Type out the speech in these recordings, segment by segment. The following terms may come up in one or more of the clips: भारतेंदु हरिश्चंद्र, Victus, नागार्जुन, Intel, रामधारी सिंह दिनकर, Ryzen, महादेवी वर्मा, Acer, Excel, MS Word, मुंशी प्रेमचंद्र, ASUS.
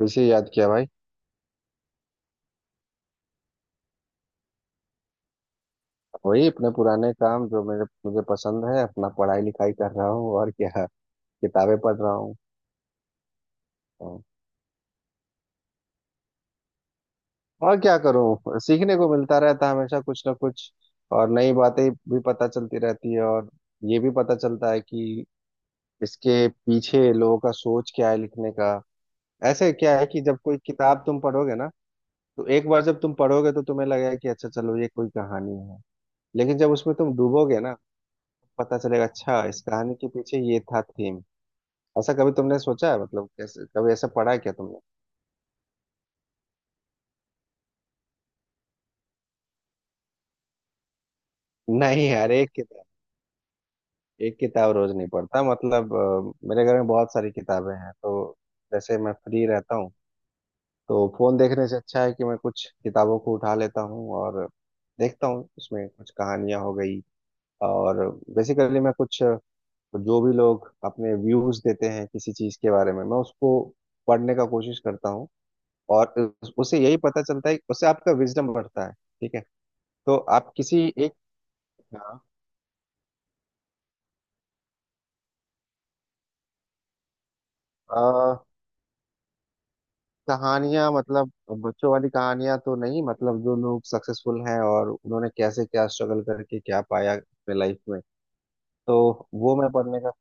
वैसे ही याद किया भाई। वही अपने पुराने काम जो मेरे मुझे पसंद है, अपना पढ़ाई लिखाई कर रहा हूँ और क्या, किताबें पढ़ रहा हूँ। और और क्या करूँ, सीखने को मिलता रहता है हमेशा कुछ ना कुछ। और नई बातें भी पता चलती रहती है, और ये भी पता चलता है कि इसके पीछे लोगों का सोच क्या है लिखने का। ऐसे क्या है कि जब कोई किताब तुम पढ़ोगे ना, तो एक बार जब तुम पढ़ोगे तो तुम्हें लगेगा कि अच्छा चलो ये कोई कहानी है, लेकिन जब उसमें तुम डूबोगे ना, पता चलेगा अच्छा इस कहानी के पीछे ये था थीम। ऐसा कभी तुमने सोचा है, मतलब कैसे, कभी ऐसा पढ़ा है क्या तुमने? नहीं यार, एक किताब रोज नहीं पढ़ता, मतलब मेरे घर में बहुत सारी किताबें हैं, तो जैसे मैं फ्री रहता हूँ तो फोन देखने से अच्छा है कि मैं कुछ किताबों को उठा लेता हूँ और देखता हूँ, उसमें कुछ कहानियां हो गई, और बेसिकली मैं कुछ जो भी लोग अपने व्यूज देते हैं किसी चीज के बारे में, मैं उसको पढ़ने का कोशिश करता हूँ। और उससे यही पता चलता है, उससे आपका विजडम बढ़ता है, ठीक है। तो आप किसी एक, हाँ, आ, कहानियां मतलब बच्चों वाली कहानियां तो नहीं, मतलब जो लोग सक्सेसफुल हैं और उन्होंने कैसे क्या स्ट्रगल करके क्या पाया अपने लाइफ में। तो वो मैं पढ़ने का,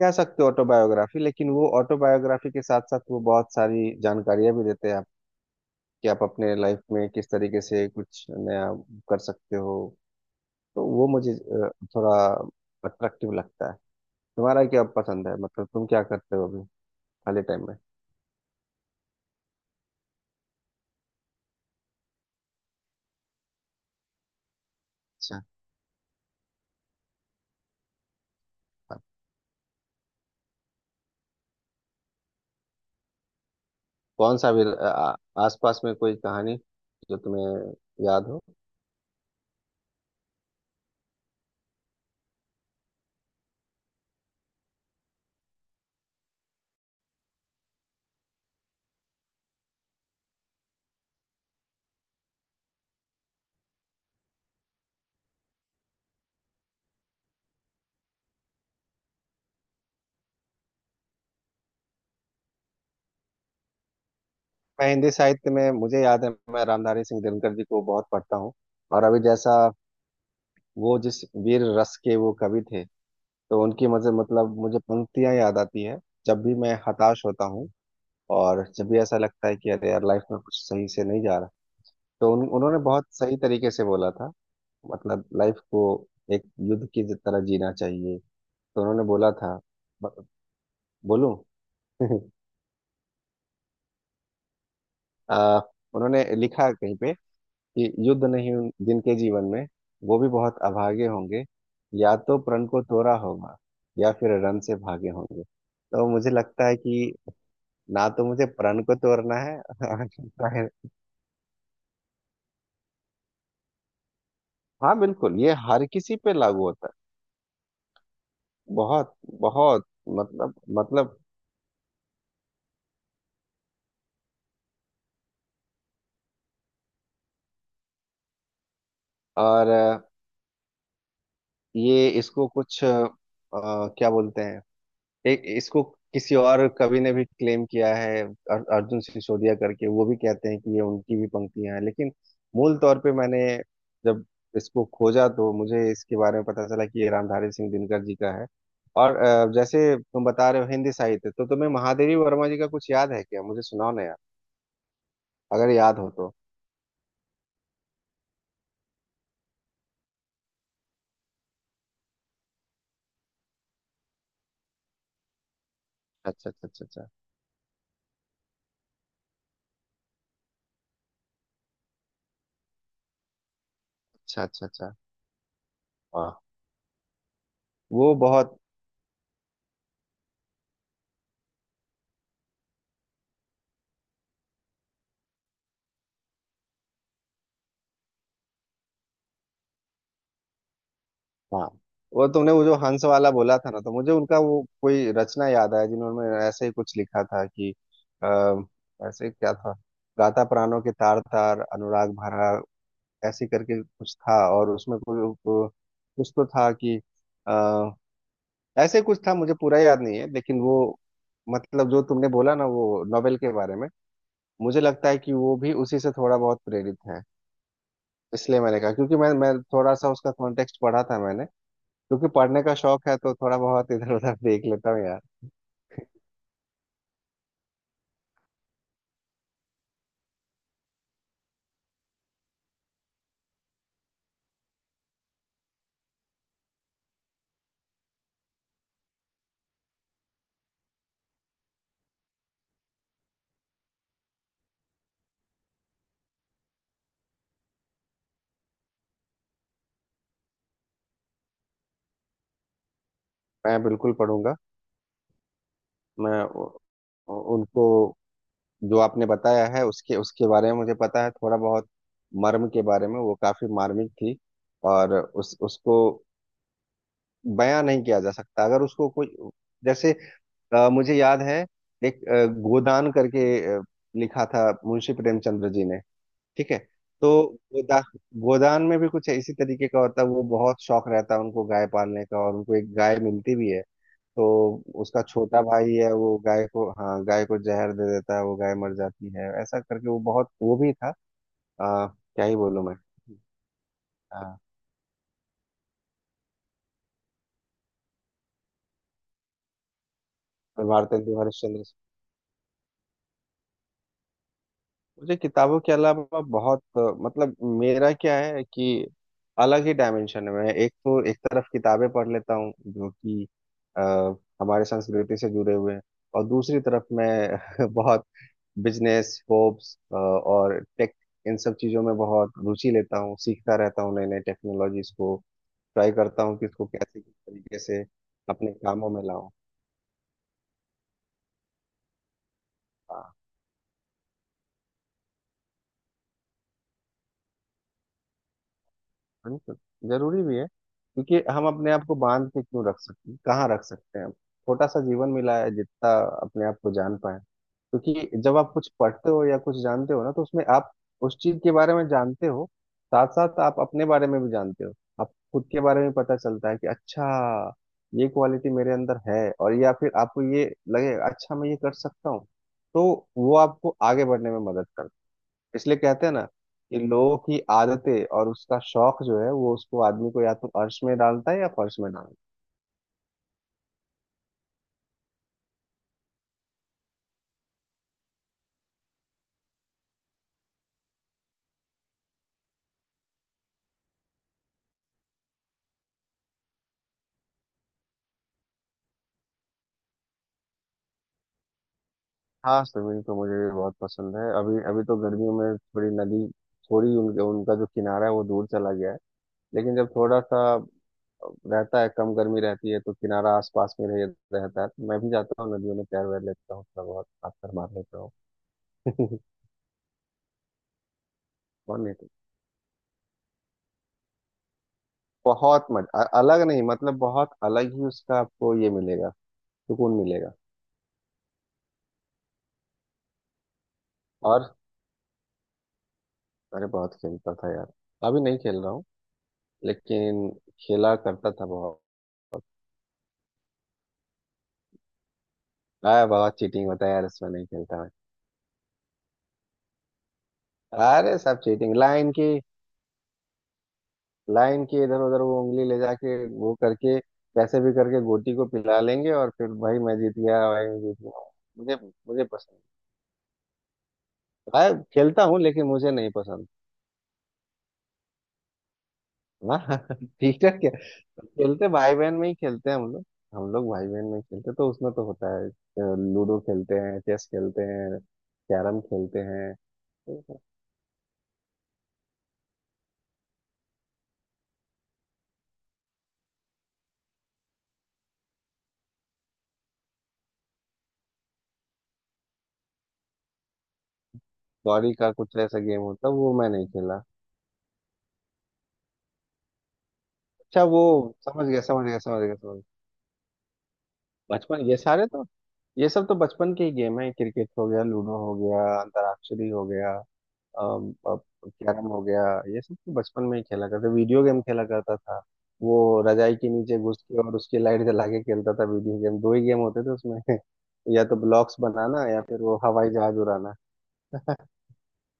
कह सकते हो ऑटोबायोग्राफी, लेकिन वो ऑटोबायोग्राफी के साथ साथ वो बहुत सारी जानकारियां भी देते हैं आप, कि आप अपने लाइफ में किस तरीके से कुछ नया कर सकते हो। तो वो मुझे थोड़ा अट्रैक्टिव लगता है। तुम्हारा क्या पसंद है, मतलब तुम क्या करते हो अभी खाली टाइम में? अच्छा, कौन सा भी आसपास में कोई कहानी जो तुम्हें याद हो? मैं हिंदी साहित्य में, मुझे याद है, मैं रामधारी सिंह दिनकर जी को बहुत पढ़ता हूँ। और अभी जैसा, वो जिस वीर रस के वो कवि थे, तो उनकी मजे मतलब मुझे पंक्तियां याद आती है जब भी मैं हताश होता हूँ और जब भी ऐसा लगता है कि अरे यार लाइफ में कुछ सही से नहीं जा रहा। तो उन्होंने बहुत सही तरीके से बोला था मतलब लाइफ को एक युद्ध की तरह जीना चाहिए। तो उन्होंने बोला था, ब- बोलूं? आ, उन्होंने लिखा कहीं पे कि युद्ध नहीं जिनके जीवन में, वो भी बहुत अभागे होंगे, या तो प्रण को तोड़ा होगा या फिर रण से भागे होंगे। तो मुझे लगता है कि ना तो मुझे प्रण को तोड़ना है लगता है। हाँ बिल्कुल, ये हर किसी पे लागू होता है, बहुत बहुत मतलब। मतलब और ये इसको कुछ क्या बोलते हैं, एक इसको किसी और कवि ने भी क्लेम किया है, अर्जुन सिसोदिया करके, वो भी कहते हैं कि ये उनकी भी पंक्तियां हैं, लेकिन मूल तौर पे मैंने जब इसको खोजा तो मुझे इसके बारे में पता चला कि ये रामधारी सिंह दिनकर जी का है। और जैसे तुम बता रहे हो हिंदी साहित्य, तो तुम्हें महादेवी वर्मा जी का कुछ याद है क्या? मुझे सुनाओ ना यार, अगर याद हो तो। अच्छा अच्छा अच्छा अच्छा, अच्छा अच्छा अच्छा, वाह। वो बहुत, हाँ। वो तुमने वो जो हंस वाला बोला था ना, तो मुझे उनका वो कोई रचना याद आया जिन्होंने ऐसे ही कुछ लिखा था कि अः ऐसे ही क्या था, गाता प्राणों के तार तार अनुराग भरा, ऐसे करके कुछ था और उसमें कुछ कुछ तो था कि अः ऐसे कुछ था। मुझे पूरा याद नहीं है, लेकिन वो मतलब जो तुमने बोला ना वो नोवेल के बारे में, मुझे लगता है कि वो भी उसी से थोड़ा बहुत प्रेरित है। इसलिए मैंने कहा क्योंकि मैं थोड़ा सा उसका कॉन्टेक्स्ट पढ़ा था मैंने, क्योंकि पढ़ने का शौक है तो थोड़ा बहुत इधर उधर देख लेता हूँ यार। मैं बिल्कुल पढ़ूंगा। मैं उ- उनको जो आपने बताया है, उसके उसके बारे में मुझे पता है थोड़ा बहुत, मर्म के बारे में, वो काफी मार्मिक थी। और उस उसको बयां नहीं किया जा सकता अगर उसको कोई। जैसे मुझे याद है, एक गोदान करके अ, लिखा था मुंशी प्रेमचंद्र जी ने, ठीक है। तो गोदा गोदान में भी कुछ इसी तरीके का होता है, वो बहुत शौक रहता है उनको गाय पालने का, और उनको एक गाय मिलती भी है। तो उसका छोटा भाई है वो गाय को, हाँ, गाय को जहर दे देता है, वो गाय मर जाती है। ऐसा करके वो बहुत वो भी था, आ, क्या ही बोलूं मैं। हाँ, भारतेंदु हरिश्चंद्र। मुझे किताबों के अलावा बहुत, मतलब मेरा क्या है कि अलग ही डायमेंशन में है मैं, एक तो एक तरफ किताबें पढ़ लेता हूँ जो कि अ, हमारे संस्कृति से जुड़े हुए हैं, और दूसरी तरफ मैं बहुत बिजनेस होप्स और टेक, इन सब चीज़ों में बहुत रुचि लेता हूँ, सीखता रहता हूँ नई नई टेक्नोलॉजीज को, ट्राई करता हूँ कि इसको कैसे किस तरीके से अपने कामों में लाऊं। हाँ। बिल्कुल, जरूरी भी है क्योंकि हम अपने आप को बांध के क्यों रख सकते हैं, कहाँ रख सकते हैं, छोटा सा जीवन मिला है, जितना अपने आप को जान पाए। क्योंकि जब आप कुछ पढ़ते हो या कुछ जानते हो ना, तो उसमें आप उस चीज के बारे में जानते हो, साथ साथ आप अपने बारे में भी जानते हो। आप खुद के बारे में पता चलता है कि अच्छा ये क्वालिटी मेरे अंदर है, और या फिर आपको ये लगे अच्छा मैं ये कर सकता हूँ, तो वो आपको आगे बढ़ने में मदद करता है। इसलिए कहते हैं ना कि लोगों की आदतें और उसका शौक जो है वो उसको, आदमी को या तो अर्श में डालता है या फर्श में डालता है। हाँ स्विमिंग तो मुझे भी बहुत पसंद है। अभी अभी तो गर्मियों में थोड़ी नदी, थोड़ी उनका जो किनारा है वो दूर चला गया है, लेकिन जब थोड़ा सा रहता है, कम गर्मी रहती है, तो किनारा आसपास में रहता है, तो मैं भी जाता हूँ नदियों में, तैर वैर लेता हूँ, थोड़ा बहुत पत्थर मार लेता हूँ। और नहीं तो बहुत मजा अलग नहीं, मतलब बहुत अलग ही उसका आपको ये मिलेगा, सुकून मिलेगा। और अरे बहुत खेलता था यार, अभी नहीं खेल रहा हूँ, लेकिन खेला करता था बहुत। अरे बहुत चीटिंग होता है यार इसमें, नहीं खेलता मैं। अरे सब चीटिंग, लाइन की इधर उधर वो उंगली ले जाके वो करके कैसे भी करके गोटी को पिला लेंगे, और फिर भाई मैं जीत गया, भाई मैं जीत गया। मुझे, मुझे पसंद, अरे खेलता हूँ लेकिन मुझे नहीं पसंद। हाँ हाँ, हाँ, ठीक है क्या, खेलते भाई बहन में ही खेलते हैं हम लोग। हम लोग भाई बहन में ही खेलते हैं, तो उसमें तो होता है लूडो खेलते हैं, चेस खेलते हैं, कैरम खेलते हैं। कौड़ी का कुछ ऐसा गेम होता है वो मैं नहीं खेला। अच्छा वो, समझ गया समझ गया समझ गया समझ गया। बचपन, ये सारे तो, ये सब तो बचपन के ही गेम है, क्रिकेट हो गया, लूडो हो गया, अंतराक्षरी हो गया, कैरम हो गया। ये सब तो बचपन में ही खेला करते, वीडियो गेम खेला करता था वो, रजाई के नीचे घुस के और उसकी लाइट जला के खेलता था वीडियो गेम। दो ही गेम होते थे उसमें, या तो ब्लॉक्स बनाना या फिर वो हवाई जहाज उड़ाना।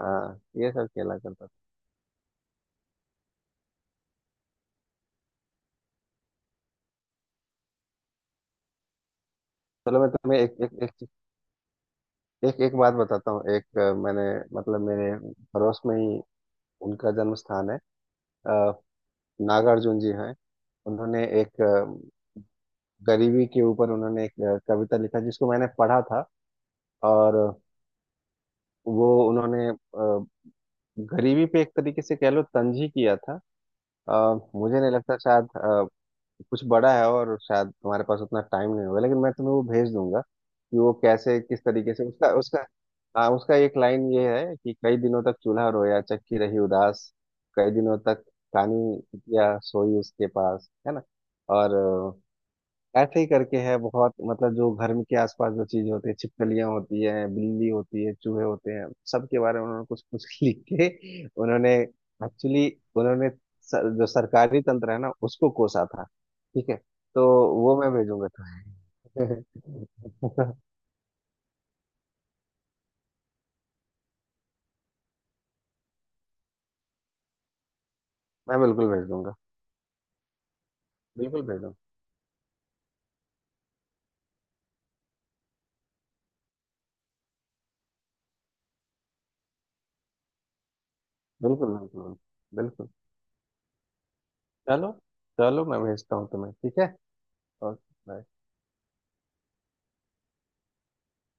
हाँ ये सब खेला करता था। चलो मैं तुम्हें एक एक एक एक, एक बात बताता हूँ। एक मैंने, मतलब मेरे पड़ोस में ही उनका जन्म स्थान है, अ, नागार्जुन जी हैं। उन्होंने एक गरीबी के ऊपर उन्होंने एक कविता लिखा जिसको मैंने पढ़ा था, और वो उन्होंने गरीबी पे एक तरीके से कह लो तंज ही किया था। अ, मुझे नहीं लगता शायद कुछ बड़ा है और शायद तुम्हारे पास उतना टाइम नहीं होगा, लेकिन मैं तुम्हें वो भेज दूंगा कि वो कैसे किस तरीके से उसका उसका, हाँ उसका एक लाइन ये है कि कई दिनों तक चूल्हा रोया चक्की रही उदास, कई दिनों तक कानी या सोई उसके पास, है ना। और ऐसे ही करके है बहुत, मतलब जो घर में के आसपास जो चीजें होती है, छिपकलियां होती है, बिल्ली होती है, चूहे होते हैं, सबके बारे में उन्होंने कुछ कुछ लिख के, उन्होंने एक्चुअली उन्होंने सर, जो सरकारी तंत्र है ना उसको कोसा था, ठीक है। तो वो मैं भेजूंगा था, मैं बिल्कुल भेज दूंगा, बिल्कुल भेज दूंगा, बिल्कुल, बिल्कुल, बिल्कुल। चलो, चलो मैं भेजता हूँ तुम्हें, ठीक है। Okay, bye.